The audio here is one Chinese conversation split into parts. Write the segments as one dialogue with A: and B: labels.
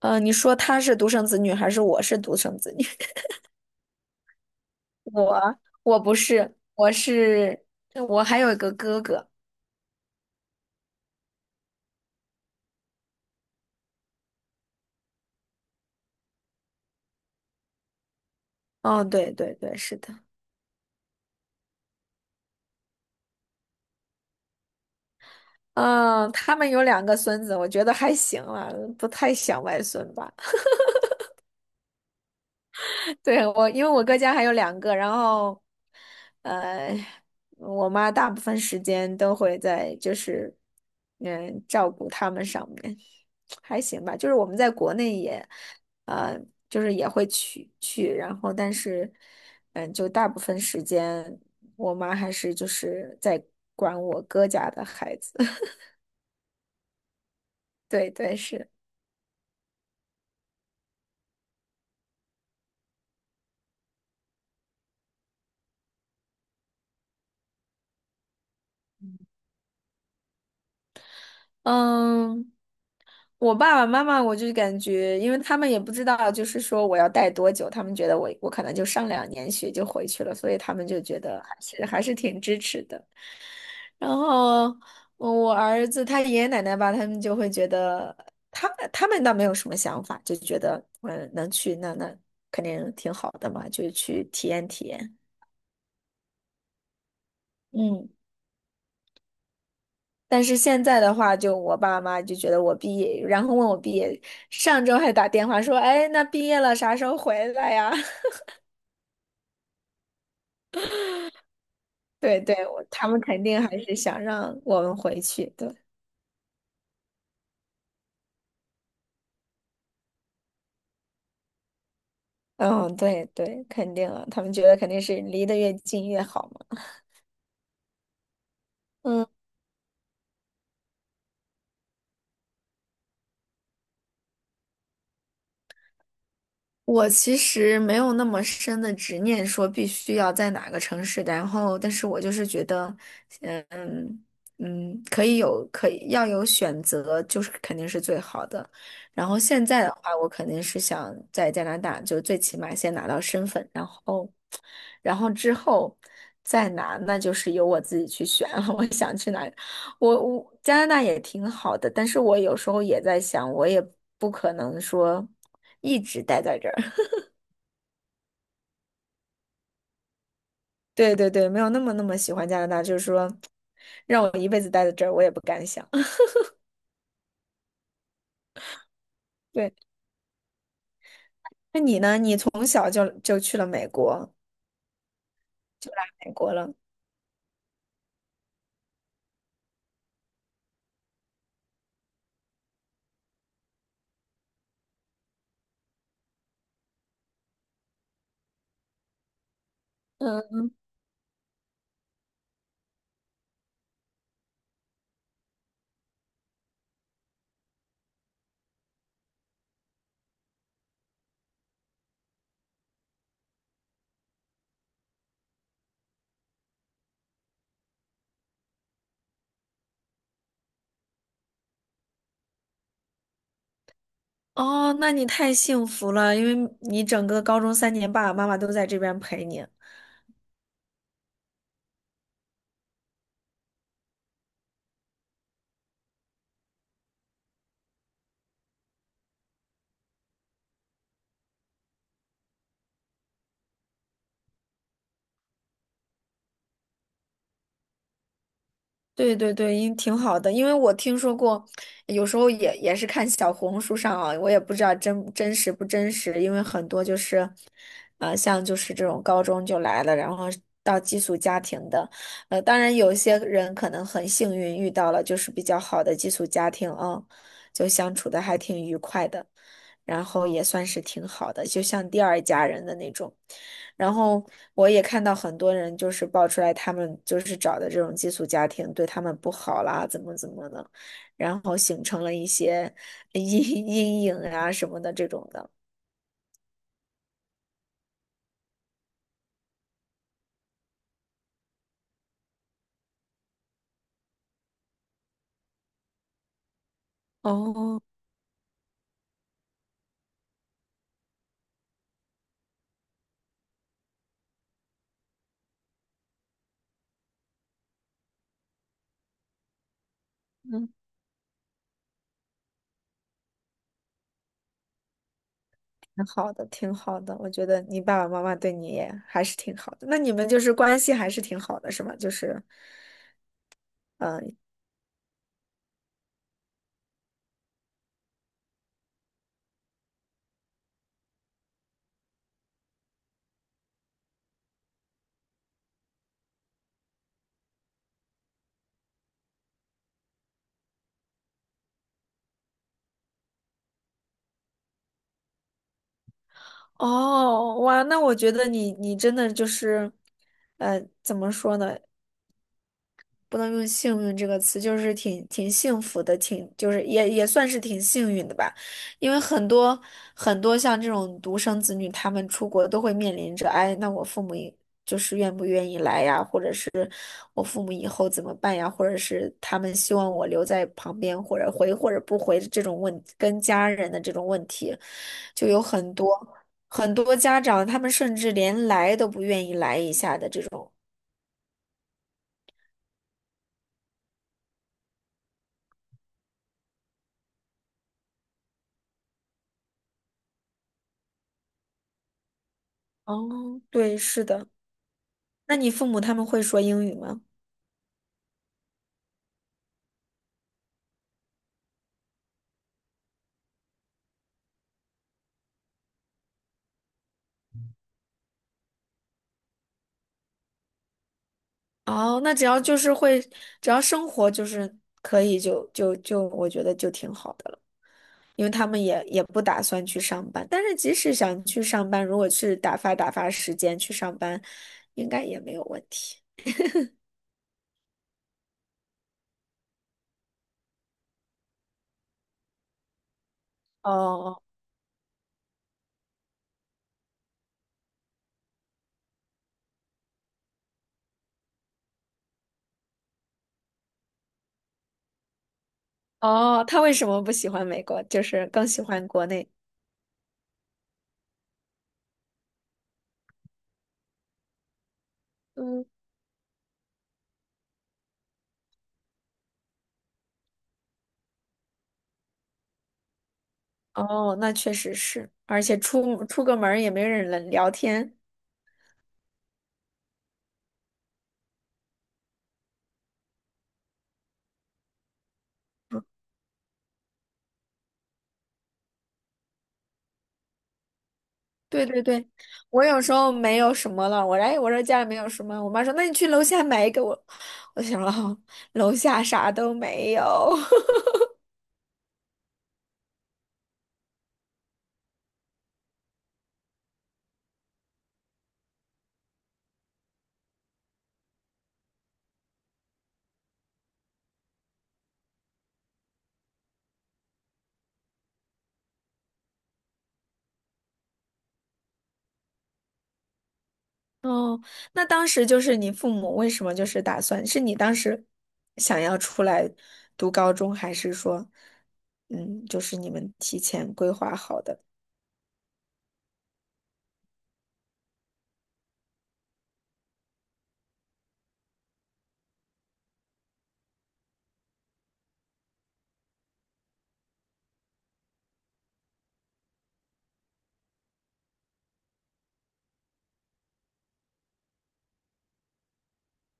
A: 你说他是独生子女还是我是独生子女？我不是，我是我还有一个哥哥。哦，对对对，是的。嗯，他们有两个孙子，我觉得还行了，不太想外孙吧。对，我，因为我哥家还有两个，然后，呃，我妈大部分时间都会在就是，嗯，照顾他们上面。还行吧，就是我们在国内也，呃，就是也会去，然后但是，嗯，就大部分时间，我妈还是就是在管我哥家的孩子。对对是，嗯。我爸爸妈妈，我就感觉，因为他们也不知道，就是说我要待多久，他们觉得我可能就上两年学就回去了，所以他们就觉得还是挺支持的。然后我儿子他爷爷奶奶吧，他们就会觉得他他们倒没有什么想法，就觉得嗯能去那肯定挺好的嘛，就去体验体验。嗯。但是现在的话，就我爸妈就觉得我毕业，然后问我毕业，上周还打电话说，哎，那毕业了啥时候回来呀？对对，我他们肯定还是想让我们回去，对，嗯，对对，肯定啊，他们觉得肯定是离得越近越好嘛。嗯。我其实没有那么深的执念，说必须要在哪个城市，然后，但是我就是觉得，嗯可以有，可以要有选择，就是肯定是最好的。然后现在的话，我肯定是想在加拿大，就最起码先拿到身份，然后，然后之后再拿，那就是由我自己去选了 我想去哪里我加拿大也挺好的，但是我有时候也在想，我也不可能说一直待在这儿。对对对，没有那么那么喜欢加拿大，就是说让我一辈子待在这儿，我也不敢想。对，那你呢？你从小就去了美国。嗯，哦，那你太幸福了，因为你整个高中三年，爸爸妈妈都在这边陪你。对对对，因挺好的，因为我听说过，有时候也也是看小红书上啊，我也不知道真真实不真实，因为很多就是，像就是这种高中就来了，然后到寄宿家庭的，当然有些人可能很幸运遇到了就是比较好的寄宿家庭啊，就相处的还挺愉快的，然后也算是挺好的，就像第二家人的那种。然后我也看到很多人就是爆出来，他们就是找的这种寄宿家庭对他们不好啦，怎么怎么的，然后形成了一些阴 阴影啊什么的这种的，哦，嗯，挺好的，挺好的。我觉得你爸爸妈妈对你也还是挺好的，那你们就是关系还是挺好的，是吗？就是，嗯、哦，哇，那我觉得你你真的就是，呃，怎么说呢？不能用幸运这个词，就是挺挺幸福的，挺就是也也算是挺幸运的吧，因为很多像这种独生子女，他们出国都会面临着，哎，那我父母也就是愿不愿意来呀，或者是我父母以后怎么办呀，或者是他们希望我留在旁边，或者回或者不回这种问，跟家人的这种问题，就有很多家长，他们甚至连来都不愿意来一下的这种。哦，对，是的。那你父母他们会说英语吗？哦，那只要就是会，只要生活就是可以就，就我觉得就挺好的了，因为他们也也不打算去上班。但是即使想去上班，如果去打发打发时间去上班，应该也没有问题。哦哦，他为什么不喜欢美国？就是更喜欢国内。嗯，哦，那确实是，而且出个门儿也没人能聊天。对对对，我有时候没有什么了，我来我说家里没有什么，我妈说那你去楼下买一个我，我想哦，楼下啥都没有。哦，那当时就是你父母为什么就是打算，是你当时想要出来读高中，还是说，嗯，就是你们提前规划好的？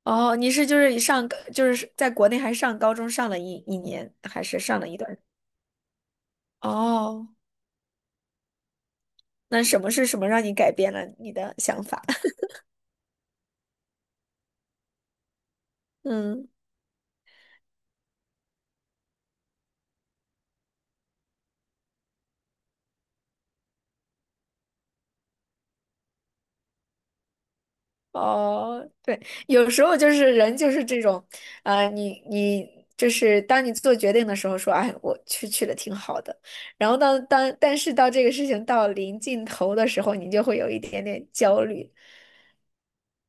A: 哦，你是就是上就是在国内还上高中上了一年，还是上了一段？哦，那什么是什么让你改变了你的想法？嗯。哦，对，有时候就是人就是这种，呃，你你就是当你做决定的时候说，哎，我去的挺好的，然后当当但是到这个事情到临尽头的时候，你就会有一点点焦虑，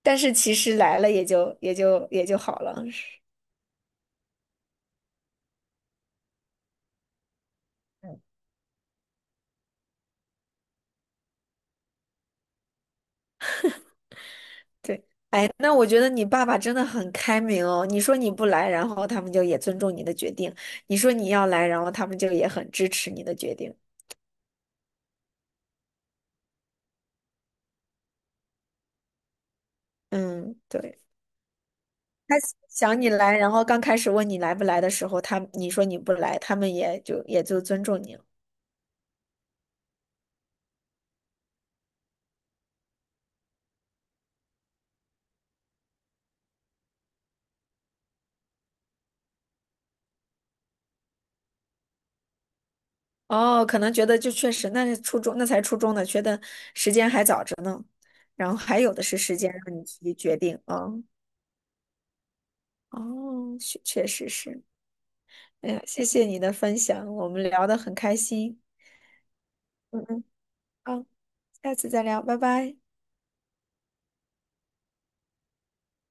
A: 但是其实来了也就好了。嗯，对，那我觉得你爸爸真的很开明哦。你说你不来，然后他们就也尊重你的决定；你说你要来，然后他们就也很支持你的决定。嗯，对。他想你来，然后刚开始问你来不来的时候，他你说你不来，他们也就尊重你了。哦，可能觉得就确实那是初中，那才初中呢，觉得时间还早着呢，然后还有的是时间让你自己决定啊。哦，确确实是。哎呀，谢谢你的分享，我们聊得很开心。嗯嗯，好，下次再聊，拜拜。